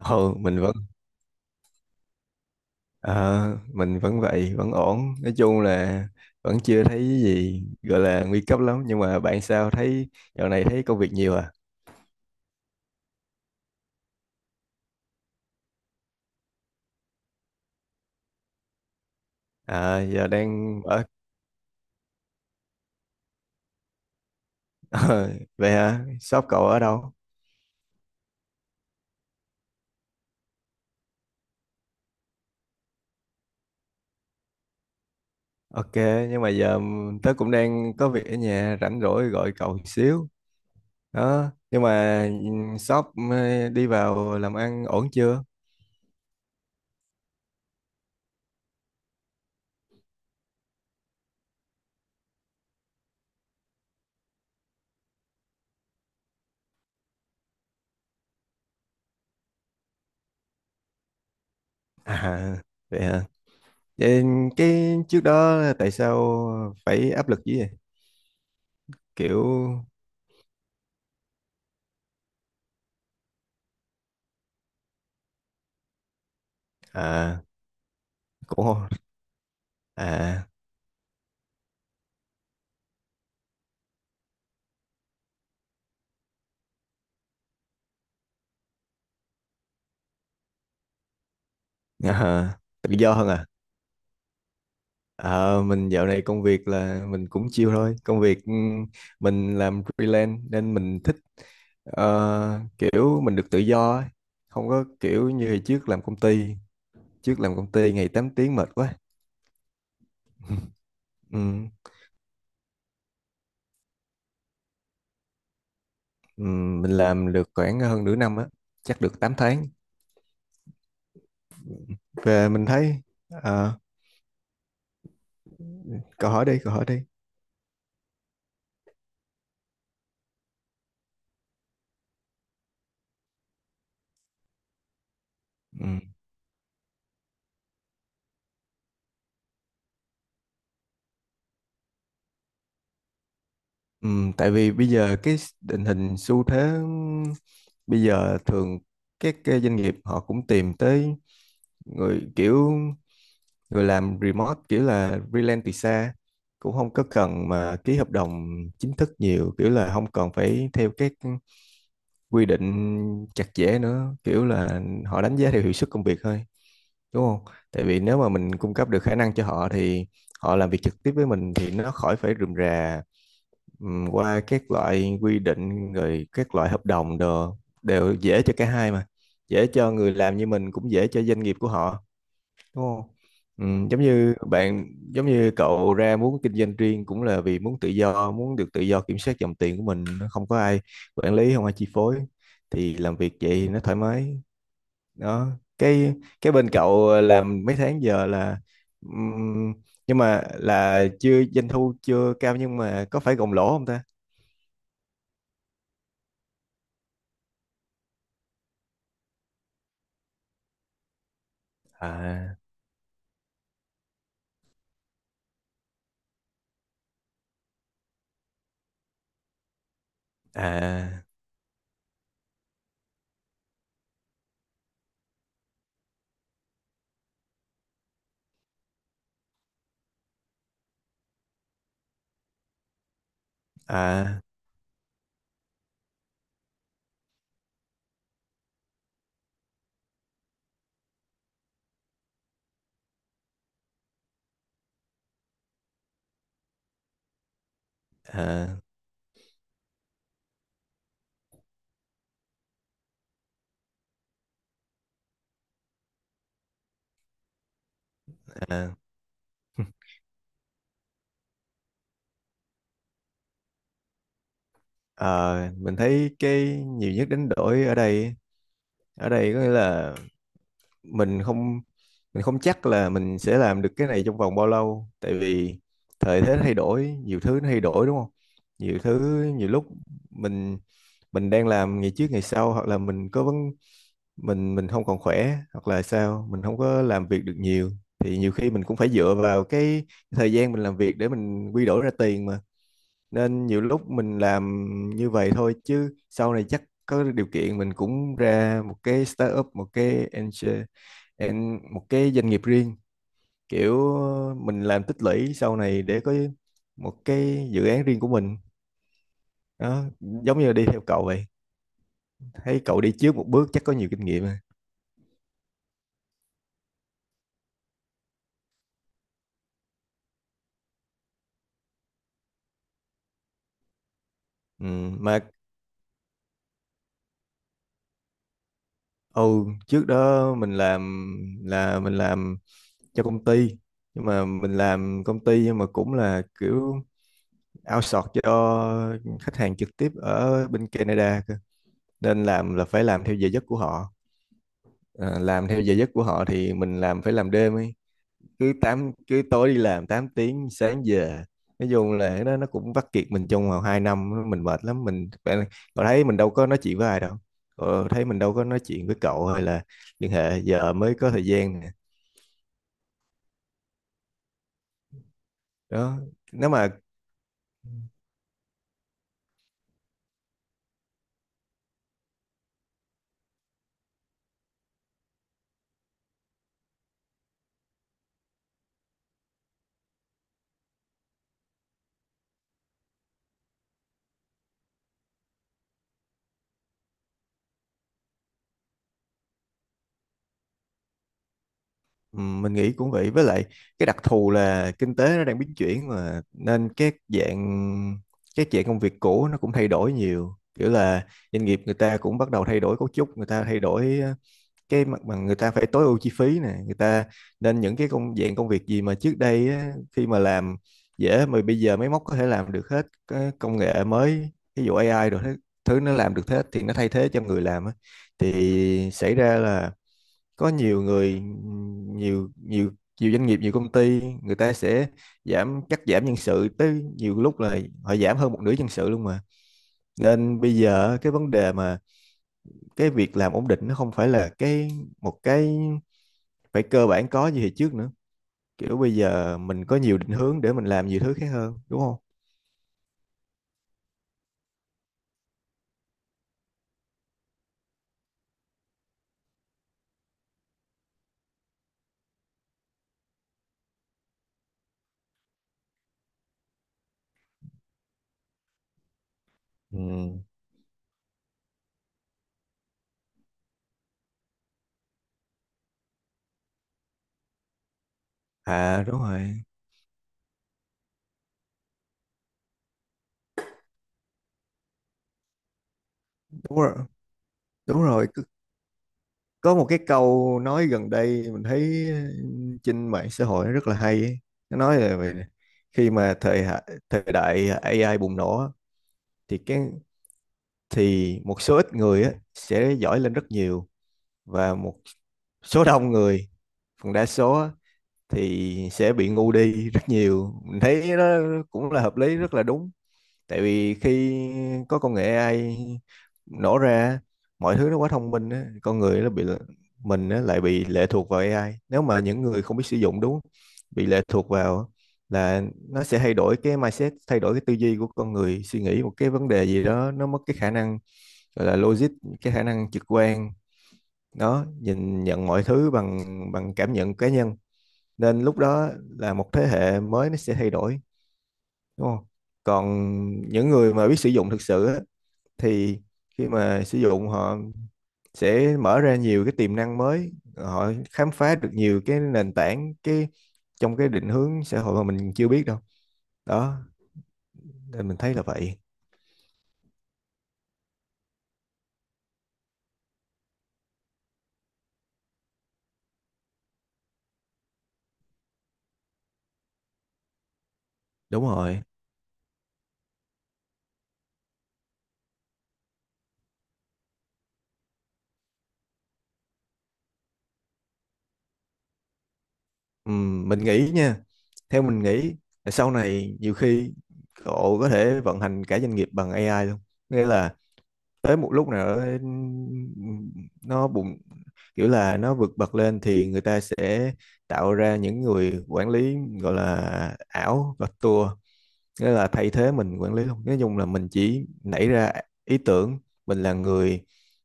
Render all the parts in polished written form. Ừ, mình vẫn ờ, mình vẫn vậy, vẫn ổn. Nói chung là vẫn chưa thấy cái gì gọi là nguy cấp lắm, nhưng mà bạn sao thấy dạo này thấy công việc nhiều à? À giờ đang ở ờ, vậy hả? Shop cậu ở đâu? Ok, nhưng mà giờ tớ cũng đang có việc ở nhà rảnh rỗi gọi cậu xíu. Đó, nhưng mà ừ, shop đi vào làm ăn ổn chưa? À vậy hả? Vậy cái trước đó tại sao phải áp lực dữ vậy? Kiểu. À, cũng không- à, à tự do hơn à. Ờ, mình dạo này công việc là mình cũng chill thôi. Công việc mình làm freelance nên mình thích, kiểu mình được tự do ấy. Không có kiểu như hồi trước làm công ty. Trước làm công ty ngày 8 tiếng mệt quá. Ừm, mình làm được khoảng hơn nửa năm á, chắc được 8 tháng. Về mình thấy ờ, câu hỏi đi, câu hỏi đi. Ừ. Ừ, tại vì bây giờ cái tình hình xu thế bây giờ thường các cái doanh nghiệp họ cũng tìm tới người kiểu người làm remote kiểu là freelance từ xa, cũng không có cần mà ký hợp đồng chính thức nhiều, kiểu là không cần phải theo các quy định chặt chẽ nữa, kiểu là họ đánh giá theo hiệu suất công việc thôi đúng không? Tại vì nếu mà mình cung cấp được khả năng cho họ thì họ làm việc trực tiếp với mình thì nó khỏi phải rườm rà. Qua các loại quy định rồi các loại hợp đồng đồ đều dễ cho cả hai mà, dễ cho người làm như mình cũng dễ cho doanh nghiệp của họ đúng không. Giống như bạn, giống như cậu ra muốn kinh doanh riêng cũng là vì muốn tự do, muốn được tự do kiểm soát dòng tiền của mình, nó không có ai quản lý, không ai chi phối, thì làm việc vậy thì nó thoải mái. Đó, cái cái bên cậu làm mấy tháng giờ là, ừm, nhưng mà là chưa doanh thu chưa cao, nhưng mà có phải gồng lỗ không ta? À. À. À. À. À. Ờ, mình thấy cái nhiều nhất đánh đổi ở đây, ở đây có nghĩa là mình không mình không chắc là mình sẽ làm được cái này trong vòng bao lâu, tại vì thời thế thay đổi, nhiều thứ nó thay đổi đúng không, nhiều thứ. Nhiều lúc mình mình đang làm ngày trước ngày sau, hoặc là mình có vấn, mình không còn khỏe hoặc là sao mình không có làm việc được nhiều, thì nhiều khi mình cũng phải dựa vào cái thời gian mình làm việc để mình quy đổi ra tiền mà. Nên nhiều lúc mình làm như vậy thôi, chứ sau này chắc có điều kiện mình cũng ra một cái startup, một cái angel, một cái doanh nghiệp riêng, kiểu mình làm tích lũy sau này để có một cái dự án riêng của mình. Đó, giống như là đi theo cậu vậy, thấy cậu đi trước một bước chắc có nhiều kinh nghiệm à. Ừ, mà ừ, trước đó mình làm, là mình làm cho công ty, nhưng mà mình làm công ty nhưng mà cũng là kiểu outsource cho khách hàng trực tiếp ở bên Canada cơ. Nên làm là phải làm theo giờ giấc của họ. Ờ, làm theo giờ giấc của họ thì mình làm phải làm đêm ấy, cứ tám, cứ tối đi làm 8 tiếng sáng về. Nói chung là cái đó nó cũng vắt kiệt mình trong vòng 2 năm, mình mệt lắm, mình bạn-, cậu thấy mình đâu có nói chuyện với ai đâu, cậu thấy mình đâu có nói chuyện với cậu hay là liên hệ, giờ mới có thời gian nè. Đó, nếu mà. Ừ, mình nghĩ cũng vậy, với lại cái đặc thù là kinh tế nó đang biến chuyển mà, nên các dạng, các dạng công việc cũ nó cũng thay đổi nhiều, kiểu là doanh nghiệp người ta cũng bắt đầu thay đổi cấu trúc, người ta thay đổi cái mặt bằng, người ta phải tối ưu chi phí nè, người ta, nên những cái công dạng công việc gì mà trước đây á, khi mà làm dễ, mà bây giờ máy móc có thể làm được hết, cái công nghệ mới ví dụ AI rồi thứ nó làm được hết thì nó thay thế cho người làm á. Thì xảy ra là có nhiều người, nhiều nhiều nhiều doanh nghiệp, nhiều công ty người ta sẽ giảm, cắt giảm nhân sự tới, nhiều lúc là họ giảm hơn một nửa nhân sự luôn mà. Nên bây giờ cái vấn đề mà cái việc làm ổn định nó không phải là một cái phải cơ bản có như hồi trước nữa, kiểu bây giờ mình có nhiều định hướng để mình làm nhiều thứ khác hơn đúng không. Ừ. À đúng rồi. Đúng rồi. Đúng rồi, có một cái câu nói gần đây mình thấy trên mạng xã hội nó rất là hay ấy. Nó nói là về khi mà thời đại AI bùng nổ á, thì cái, thì một số ít người á, sẽ giỏi lên rất nhiều, và một số đông người, phần đa số á, thì sẽ bị ngu đi rất nhiều. Mình thấy nó cũng là hợp lý, rất là đúng, tại vì khi có công nghệ AI nổ ra, mọi thứ nó quá thông minh á, con người nó bị, mình á, lại bị lệ thuộc vào AI, nếu mà những người không biết sử dụng đúng, bị lệ thuộc vào, là nó sẽ thay đổi cái mindset, thay đổi cái tư duy của con người, suy nghĩ một cái vấn đề gì đó nó mất cái khả năng gọi là logic, cái khả năng trực quan đó, nhìn nhận mọi thứ bằng, bằng cảm nhận cá nhân. Nên lúc đó là một thế hệ mới nó sẽ thay đổi đúng không. Còn những người mà biết sử dụng thực sự á, thì khi mà sử dụng, họ sẽ mở ra nhiều cái tiềm năng mới, họ khám phá được nhiều cái nền tảng, cái trong cái định hướng xã hội mà mình chưa biết đâu. Đó, nên mình thấy là vậy. Đúng rồi. Mình nghĩ nha, theo mình nghĩ là sau này nhiều khi cậu có thể vận hành cả doanh nghiệp bằng AI luôn. Nghĩa là tới một lúc nào đó nó bùng, kiểu là nó vượt bậc lên, thì người ta sẽ tạo ra những người quản lý gọi là ảo và tour, nghĩa là thay thế mình quản lý luôn. Nói chung là mình chỉ nảy ra ý tưởng, mình là người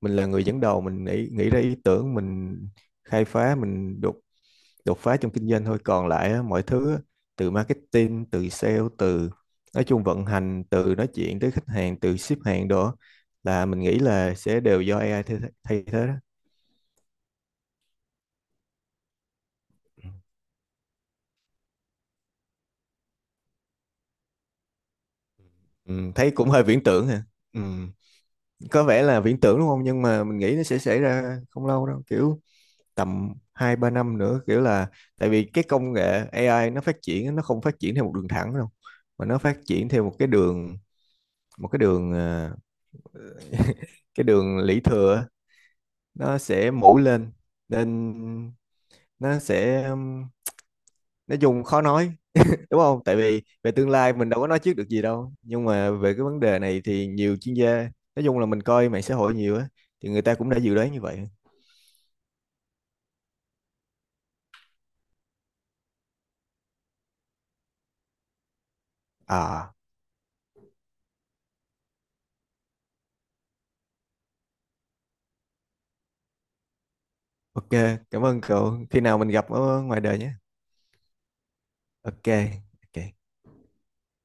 mình là người dẫn đầu, mình nghĩ, nghĩ ra ý tưởng, mình khai phá, mình đột đột phá trong kinh doanh thôi, còn lại á, mọi thứ á, từ marketing, từ sale, từ nói chung vận hành, từ nói chuyện tới khách hàng, từ ship hàng đồ á, là mình nghĩ là sẽ đều do AI thay thế đó. Ừ, thấy cũng hơi viễn tưởng hả. Ừ, có vẻ là viễn tưởng đúng không, nhưng mà mình nghĩ nó sẽ xảy ra không lâu đâu, kiểu tầm 2 3 năm nữa, kiểu là tại vì cái công nghệ AI nó phát triển á, nó không phát triển theo một đường thẳng đâu, mà nó phát triển theo một cái đường cái đường lũy thừa á, nó sẽ mũ lên. Nên nó sẽ nói chung khó nói đúng không, tại vì về tương lai mình đâu có nói trước được gì đâu, nhưng mà về cái vấn đề này thì nhiều chuyên gia, nói chung là mình coi mạng xã hội nhiều á, thì người ta cũng đã dự đoán như vậy. À ok, cảm ơn cậu, khi nào mình gặp ở ngoài đời nhé. Ok. Ok.